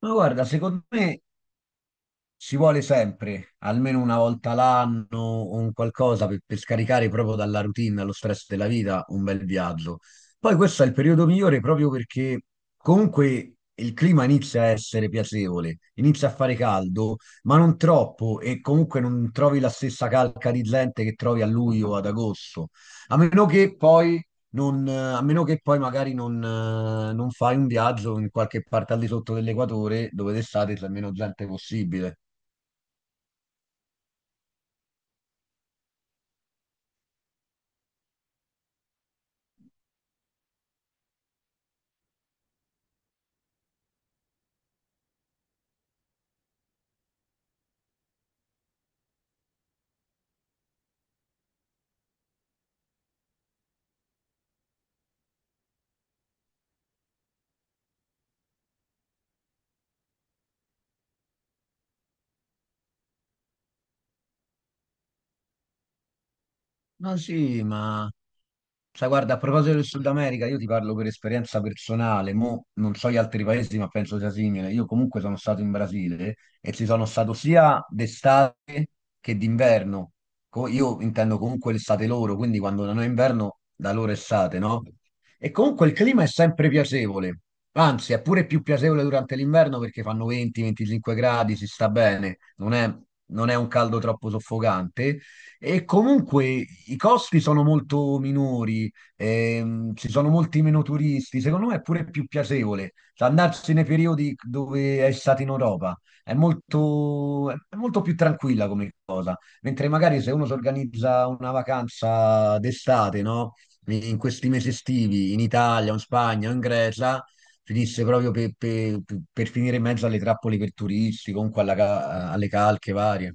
Ma guarda, secondo me si vuole sempre, almeno 1 volta l'anno o un qualcosa per scaricare proprio dalla routine, dallo stress della vita, un bel viaggio. Poi questo è il periodo migliore proprio perché comunque il clima inizia a essere piacevole, inizia a fare caldo, ma non troppo e comunque non trovi la stessa calca di gente che trovi a luglio o ad agosto. A meno che poi A meno che poi magari non fai un viaggio in qualche parte al di sotto dell'equatore dove d'estate c'è meno gente possibile. No, sì, ma sai, guarda, a proposito del Sud America, io ti parlo per esperienza personale, mo non so gli altri paesi, ma penso sia simile. Io comunque sono stato in Brasile e ci sono stato sia d'estate che d'inverno. Io intendo comunque l'estate loro, quindi quando non è inverno, da loro è estate, no? E comunque il clima è sempre piacevole, anzi, è pure più piacevole durante l'inverno perché fanno 20-25 gradi, si sta bene, non è un caldo troppo soffocante. E comunque i costi sono molto minori, ci sono molti meno turisti, secondo me è pure più piacevole. Cioè, andarsi nei periodi dove è stato in Europa, è molto più tranquilla come cosa, mentre magari se uno si organizza una vacanza d'estate, no? In questi mesi estivi, in Italia, o in Spagna, o in Grecia, finisce proprio per finire in mezzo alle trappole per turisti, comunque alle calche varie.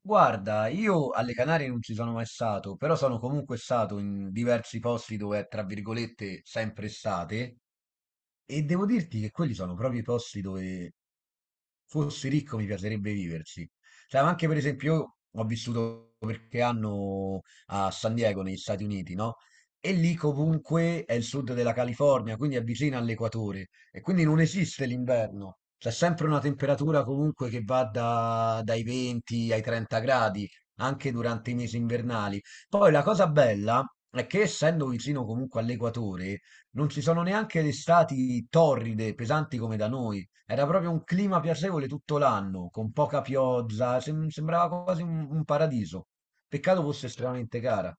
Guarda, io alle Canarie non ci sono mai stato, però sono comunque stato in diversi posti dove è, tra virgolette, sempre estate, e devo dirti che quelli sono proprio i posti dove fossi ricco mi piacerebbe viverci. Cioè, ma anche per esempio, io ho vissuto qualche anno a San Diego, negli Stati Uniti, no? E lì comunque è il sud della California, quindi è vicino all'equatore. E quindi non esiste l'inverno, c'è sempre una temperatura comunque che dai 20 ai 30 gradi, anche durante i mesi invernali. Poi la cosa bella è che essendo vicino comunque all'equatore, non ci sono neanche le estati torride, pesanti come da noi. Era proprio un clima piacevole tutto l'anno, con poca pioggia, sembrava quasi un paradiso. Peccato fosse estremamente cara.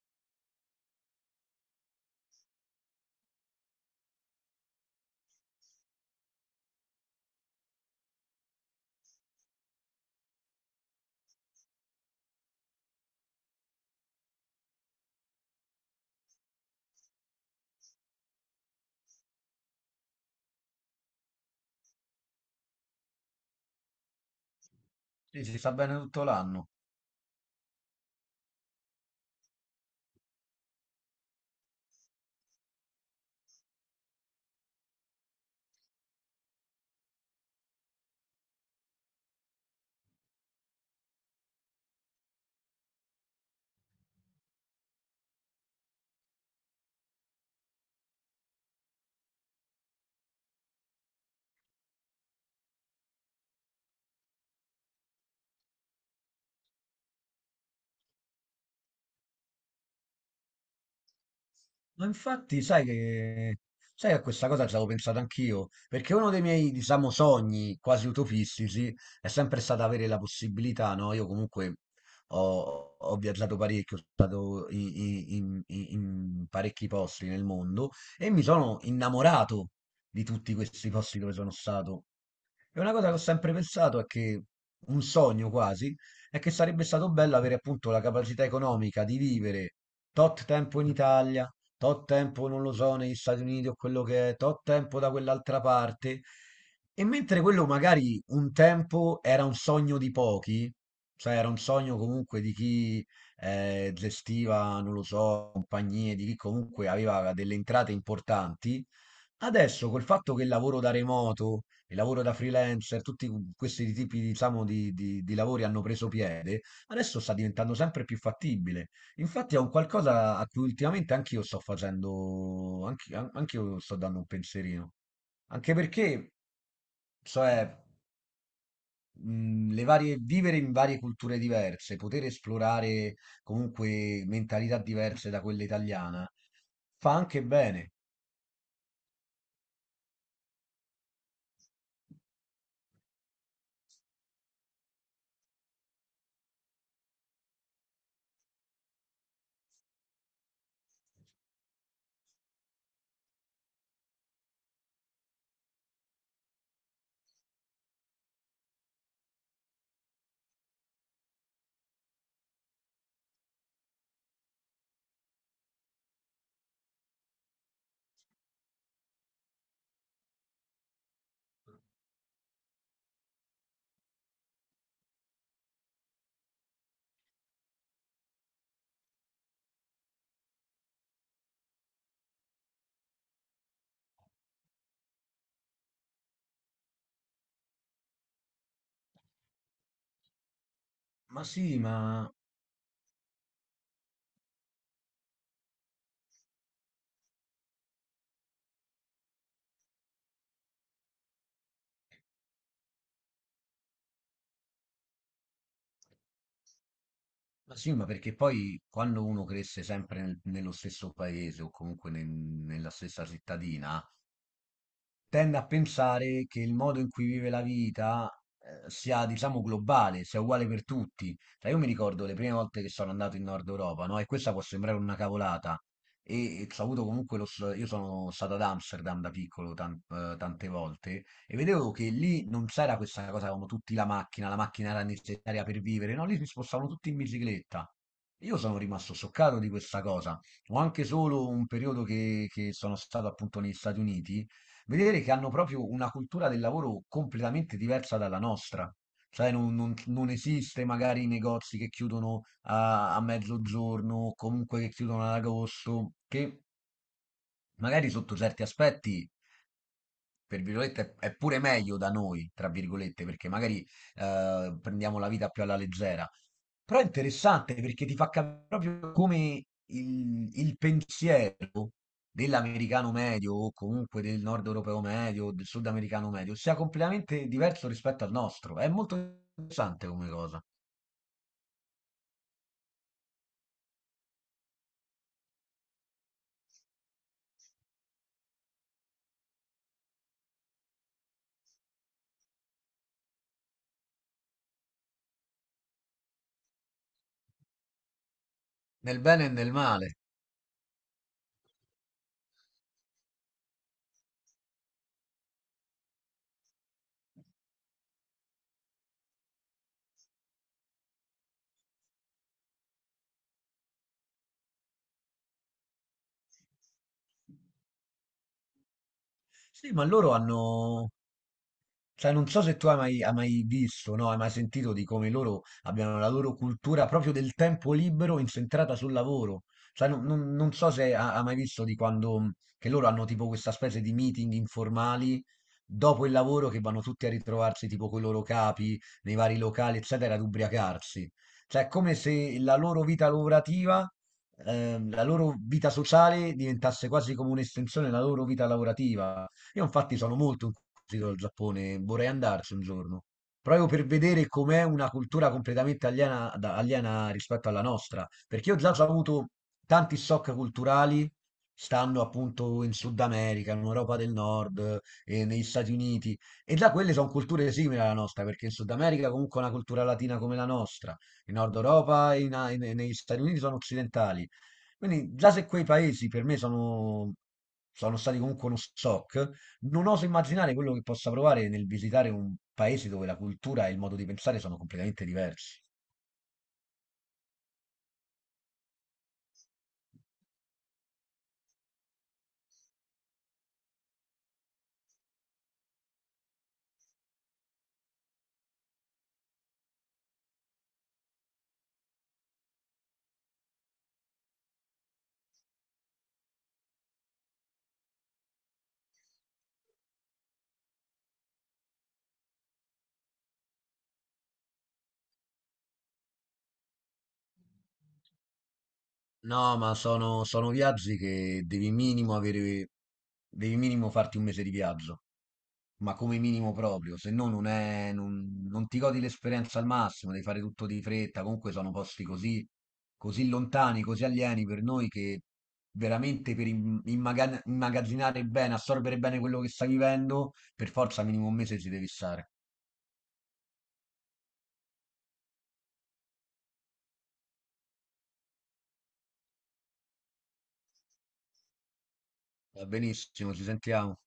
Sì, si sta bene tutto l'anno. Ma infatti, sai, a questa cosa ci avevo pensato anch'io, perché uno dei miei, diciamo, sogni quasi utopistici è sempre stato avere la possibilità, no? Io comunque ho viaggiato parecchio, sono stato in parecchi posti nel mondo e mi sono innamorato di tutti questi posti dove sono stato. E una cosa che ho sempre pensato è che un sogno quasi è che sarebbe stato bello avere appunto la capacità economica di vivere tot tempo in Italia, tot tempo non lo so, negli Stati Uniti o quello che è, tot tempo da quell'altra parte. E mentre quello magari un tempo era un sogno di pochi, cioè era un sogno comunque di chi gestiva, non lo so, compagnie, di chi comunque aveva delle entrate importanti. Adesso col fatto che il lavoro da remoto, il lavoro da freelancer, tutti questi tipi, diciamo, di lavori hanno preso piede, adesso sta diventando sempre più fattibile. Infatti è un qualcosa a cui ultimamente anch'io sto facendo, anch'io sto dando un pensierino. Anche perché, cioè, le varie, vivere in varie culture diverse, poter esplorare comunque mentalità diverse da quella italiana, fa anche bene. Ma sì, ma. Ma sì, ma perché poi quando uno cresce sempre nello stesso paese o comunque nella stessa cittadina, tende a pensare che il modo in cui vive la vita sia, diciamo, globale, sia uguale per tutti. Cioè, io mi ricordo le prime volte che sono andato in Nord Europa, no? E questa può sembrare una cavolata. E ho avuto comunque io sono stato ad Amsterdam da piccolo tante volte e vedevo che lì non c'era questa cosa, avevano tutti la macchina era necessaria per vivere, no? Lì si spostavano tutti in bicicletta. Io sono rimasto scioccato di questa cosa. Ho anche solo un periodo che sono stato appunto negli Stati Uniti vedere che hanno proprio una cultura del lavoro completamente diversa dalla nostra. Sai, non esiste magari i negozi che chiudono a mezzogiorno, o comunque che chiudono ad agosto, che magari sotto certi aspetti per virgolette, è pure meglio da noi, tra virgolette, perché magari prendiamo la vita più alla leggera. Però è interessante perché ti fa capire proprio come il pensiero dell'americano medio o comunque del nord europeo medio, o del sudamericano medio, sia completamente diverso rispetto al nostro. È molto interessante come cosa, nel bene e nel male. Sì, ma loro hanno, cioè, non so se tu hai mai visto, no? Hai mai sentito di come loro abbiano la loro cultura proprio del tempo libero incentrata sul lavoro. Cioè, non so se hai mai visto di quando, che loro hanno tipo questa specie di meeting informali dopo il lavoro che vanno tutti a ritrovarsi tipo con i loro capi nei vari locali, eccetera, ad ubriacarsi. Cioè, è come se la loro vita lavorativa, la loro vita sociale diventasse quasi come un'estensione della loro vita lavorativa. Io infatti sono molto incuriosito dal Giappone, vorrei andarci un giorno, proprio per vedere com'è una cultura completamente aliena, aliena rispetto alla nostra, perché io già ho avuto tanti shock culturali, stando appunto in Sud America, in Europa del Nord, negli Stati Uniti, e già quelle sono culture simili alla nostra, perché in Sud America comunque è una cultura latina come la nostra, in Nord Europa e negli Stati Uniti sono occidentali. Quindi già se quei paesi per me sono stati comunque uno shock, non oso immaginare quello che possa provare nel visitare un paese dove la cultura e il modo di pensare sono completamente diversi. No, ma sono viaggi che devi minimo avere, devi minimo farti 1 mese di viaggio, ma come minimo proprio, se no non è, non, non ti godi l'esperienza al massimo, devi fare tutto di fretta, comunque sono posti così, così lontani, così alieni per noi che veramente per immagazzinare bene, assorbire bene quello che stai vivendo, per forza minimo 1 mese ci devi stare. Va benissimo, ci sentiamo.